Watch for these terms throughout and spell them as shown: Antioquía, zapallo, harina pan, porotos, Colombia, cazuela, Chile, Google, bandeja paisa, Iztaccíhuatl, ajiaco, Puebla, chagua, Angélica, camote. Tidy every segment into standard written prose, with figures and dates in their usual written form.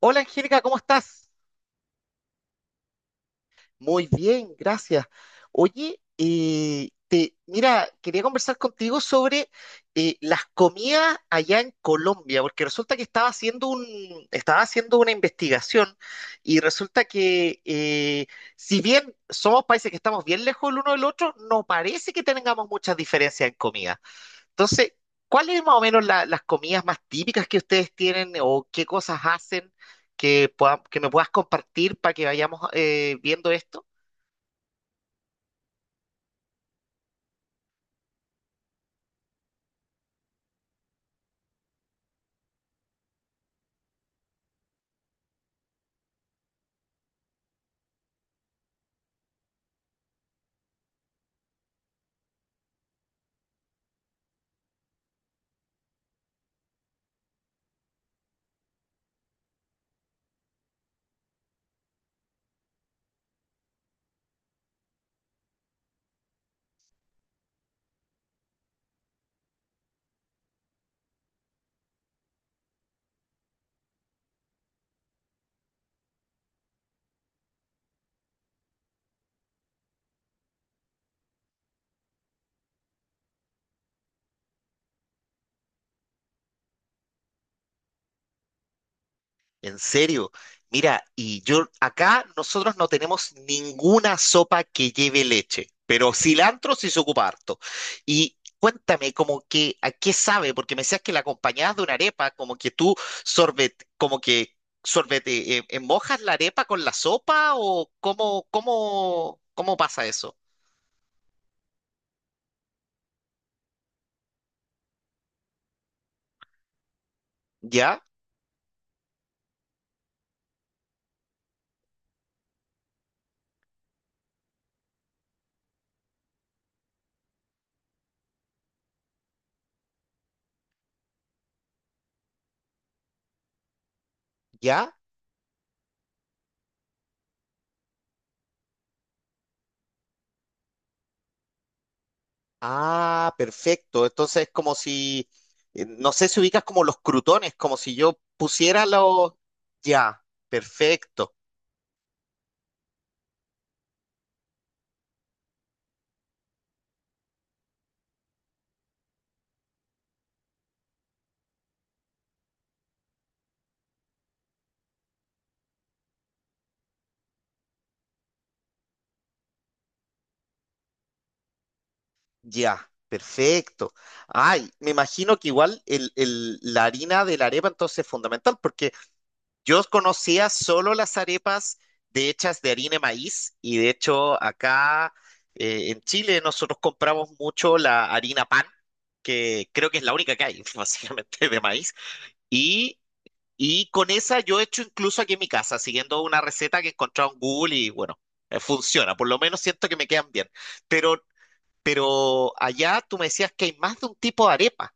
Hola Angélica, ¿cómo estás? Muy bien, gracias. Oye, mira, quería conversar contigo sobre las comidas allá en Colombia, porque resulta que estaba haciendo una investigación y resulta que si bien somos países que estamos bien lejos el uno del otro, no parece que tengamos muchas diferencias en comida. Entonces, ¿cuáles más o menos las comidas más típicas que ustedes tienen o qué cosas hacen que me puedas compartir para que vayamos viendo esto? En serio. Mira, y yo acá nosotros no tenemos ninguna sopa que lleve leche, pero cilantro sí se ocupa harto. Y cuéntame, como que a qué sabe, porque me decías que la acompañabas de una arepa, como que como que sorbete, mojas la arepa con la sopa o cómo pasa eso. ¿Ya? ¿Ya? Ah, perfecto. Entonces es como si, no sé si ubicas como los crutones, como si yo pusiera los... Ya, perfecto, ya, perfecto. Ay, me imagino que igual la harina de la arepa entonces es fundamental, porque yo conocía solo las arepas de hechas de harina de maíz, y de hecho acá, en Chile nosotros compramos mucho la harina pan, que creo que es la única que hay, básicamente de maíz. Y Y con esa yo he hecho incluso aquí en mi casa, siguiendo una receta que he encontrado en Google y bueno, funciona. Por lo menos siento que me quedan bien. Pero, pero allá tú me decías que hay más de un tipo de arepa.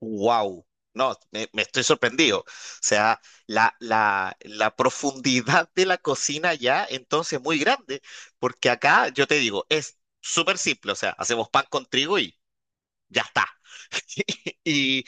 ¡Wow! No, me estoy sorprendido. O sea, la profundidad de la cocina allá entonces es muy grande. Porque acá, yo te digo, es súper simple. O sea, hacemos pan con trigo y ya está. y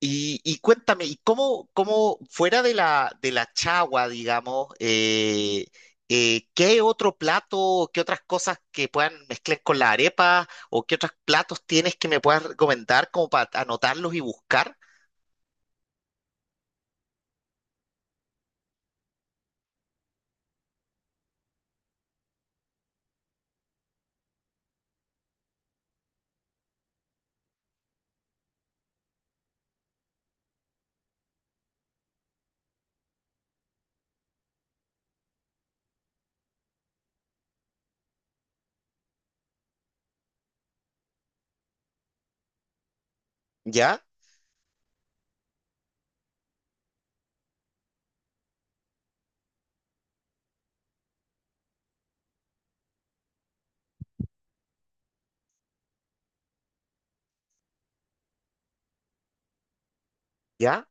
y cuéntame, ¿y cómo fuera de de la chagua, digamos, qué otro plato, qué otras cosas que puedan mezclar con la arepa o qué otros platos tienes que me puedas recomendar como para anotarlos y buscar? ¿Ya? ¿Ya?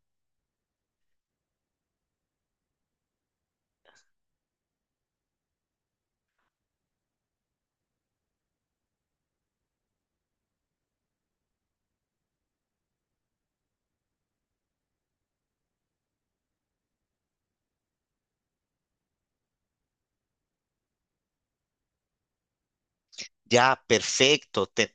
Ya, perfecto.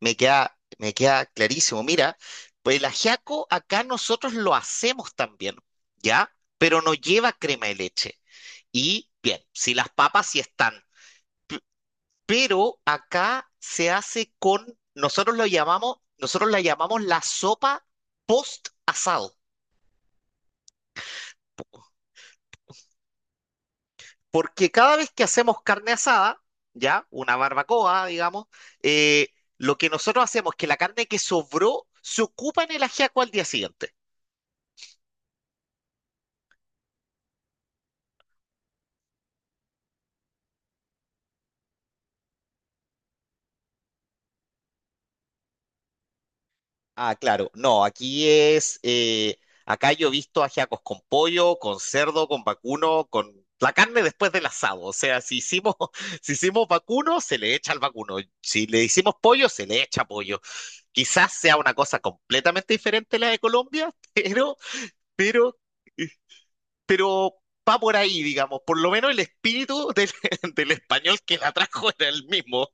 Me queda, me queda clarísimo. Mira, pues el ajiaco acá nosotros lo hacemos también, ¿ya? Pero no lleva crema de leche. Y bien, si las papas sí están. Pero acá se hace con, nosotros lo llamamos, nosotros la llamamos la sopa post asado, porque cada vez que hacemos carne asada, ya, una barbacoa, digamos, eh, lo que nosotros hacemos es que la carne que sobró se ocupa en el ajiaco al día siguiente. Ah, claro. No, aquí es. Acá yo he visto ajiacos con pollo, con cerdo, con vacuno, con la carne después del asado. O sea, si hicimos, si hicimos vacuno, se le echa al vacuno. Si le hicimos pollo, se le echa pollo. Quizás sea una cosa completamente diferente a la de Colombia, pero, eh, pero va por ahí, digamos. Por lo menos el espíritu del, del español que la trajo era el mismo.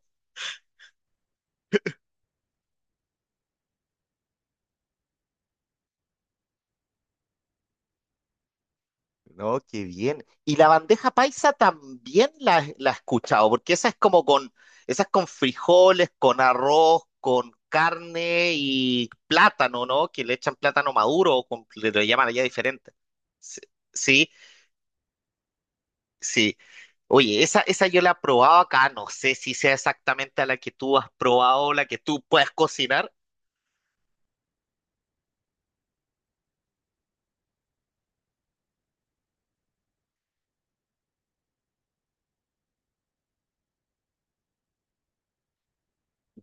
No, qué bien. Y la bandeja paisa también la he escuchado, porque esa es como con, esa es con frijoles, con arroz, con carne y plátano, ¿no? Que le echan plátano maduro, o le llaman allá diferente. Sí, sí. sí. Oye, esa yo la he probado acá, no sé si sea exactamente a la que tú has probado o la que tú puedes cocinar.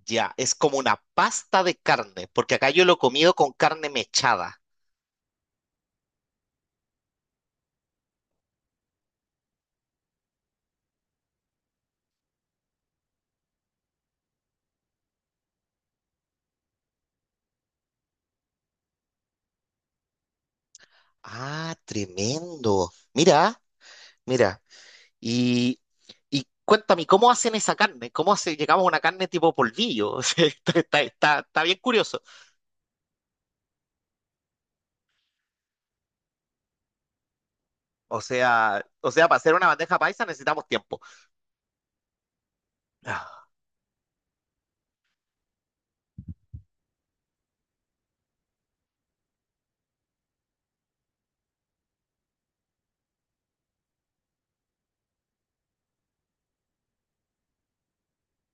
Ya, es como una pasta de carne, porque acá yo lo he comido con carne mechada. Ah, tremendo. Mira. Mira, y, y cuéntame, ¿cómo hacen esa carne? ¿Cómo hace, llegamos a una carne tipo polvillo? O sea, está bien curioso. O sea, para hacer una bandeja paisa necesitamos tiempo. Ah,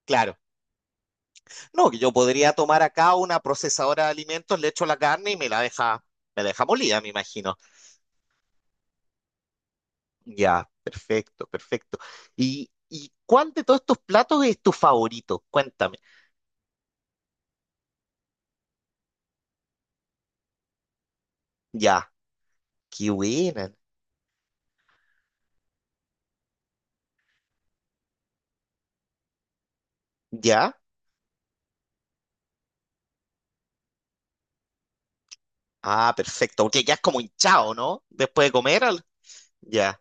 claro. No, que yo podría tomar acá una procesadora de alimentos, le echo la carne y me la deja molida, me imagino. Ya, perfecto, perfecto. Y cuál de todos estos platos es tu favorito? Cuéntame. Ya, qué buena. Ya. Ah, perfecto, porque ya es como hinchado, ¿no? Después de comer, ya,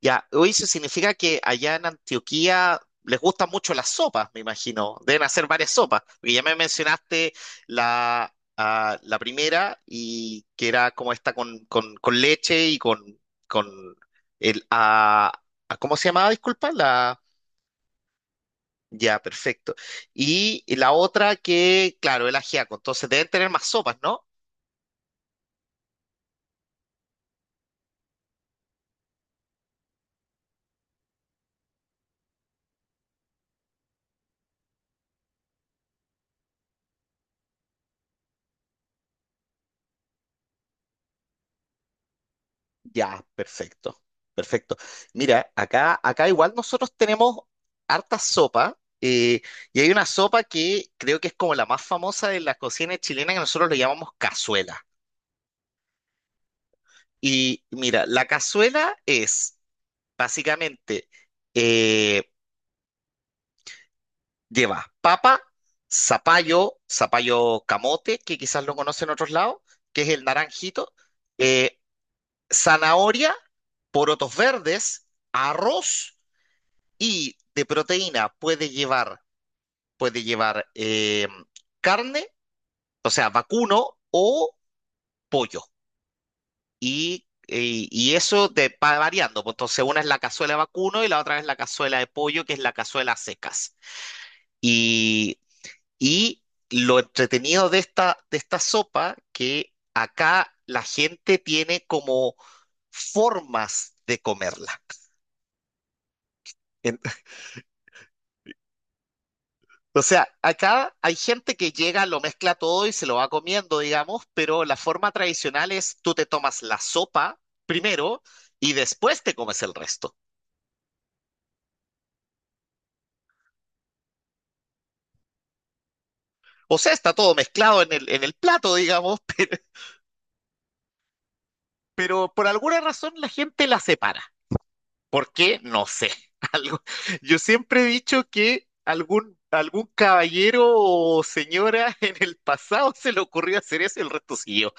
ya. Oye, eso significa que allá en Antioquía les gustan mucho las sopas, me imagino. Deben hacer varias sopas. Porque ya me mencionaste la, ah, la primera y que era como esta con, con leche y con el... ah, ah, ¿cómo se llamaba? Disculpa, la... Ya, perfecto. Y la otra que, claro, el ajiaco. Entonces deben tener más sopas, ¿no? Ya, perfecto, perfecto. Mira, acá igual nosotros tenemos harta sopa, y hay una sopa que creo que es como la más famosa de la cocina chilena que nosotros le llamamos cazuela. Y mira, la cazuela es básicamente, eh, lleva papa, zapallo, zapallo camote, que quizás lo conocen en otros lados, que es el naranjito, eh, zanahoria, porotos verdes, arroz. Y de proteína puede llevar carne, o sea, vacuno o pollo. Y eso te va variando, pues. Entonces, una es la cazuela de vacuno y la otra es la cazuela de pollo, que es la cazuela a secas. Y, y lo entretenido de de esta sopa, que acá la gente tiene como formas de comerla. En- O sea, acá hay gente que llega, lo mezcla todo y se lo va comiendo, digamos, pero la forma tradicional es tú te tomas la sopa primero y después te comes el resto. O sea, está todo mezclado en en el plato, digamos, pero por alguna razón la gente la separa. ¿Por qué? No sé. Algo- Yo siempre he dicho que algún caballero o señora en el pasado se le ocurrió hacer eso y el resto siguió.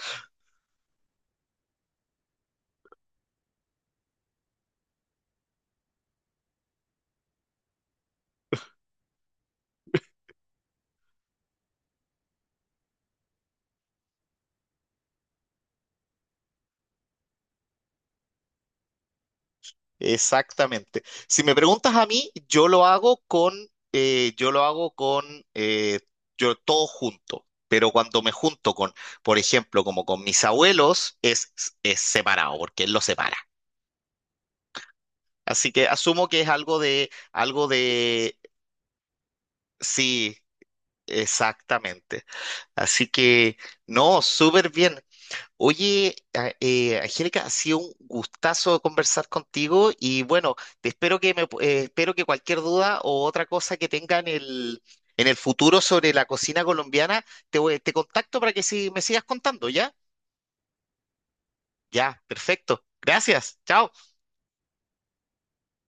Exactamente. Si me preguntas a mí, yo lo hago con, eh, yo todo junto. Pero cuando me junto con, por ejemplo, como con mis abuelos, es separado, porque él lo separa. Así que asumo que es algo de, sí, exactamente. Así que, no, súper bien. Oye, Angélica, ha sido un gustazo conversar contigo y bueno, te espero que me, pu- espero que cualquier duda o otra cosa que tenga en el futuro sobre la cocina colombiana, te contacto para que si me sigas contando, ¿ya? Ya, perfecto. Gracias. Chao.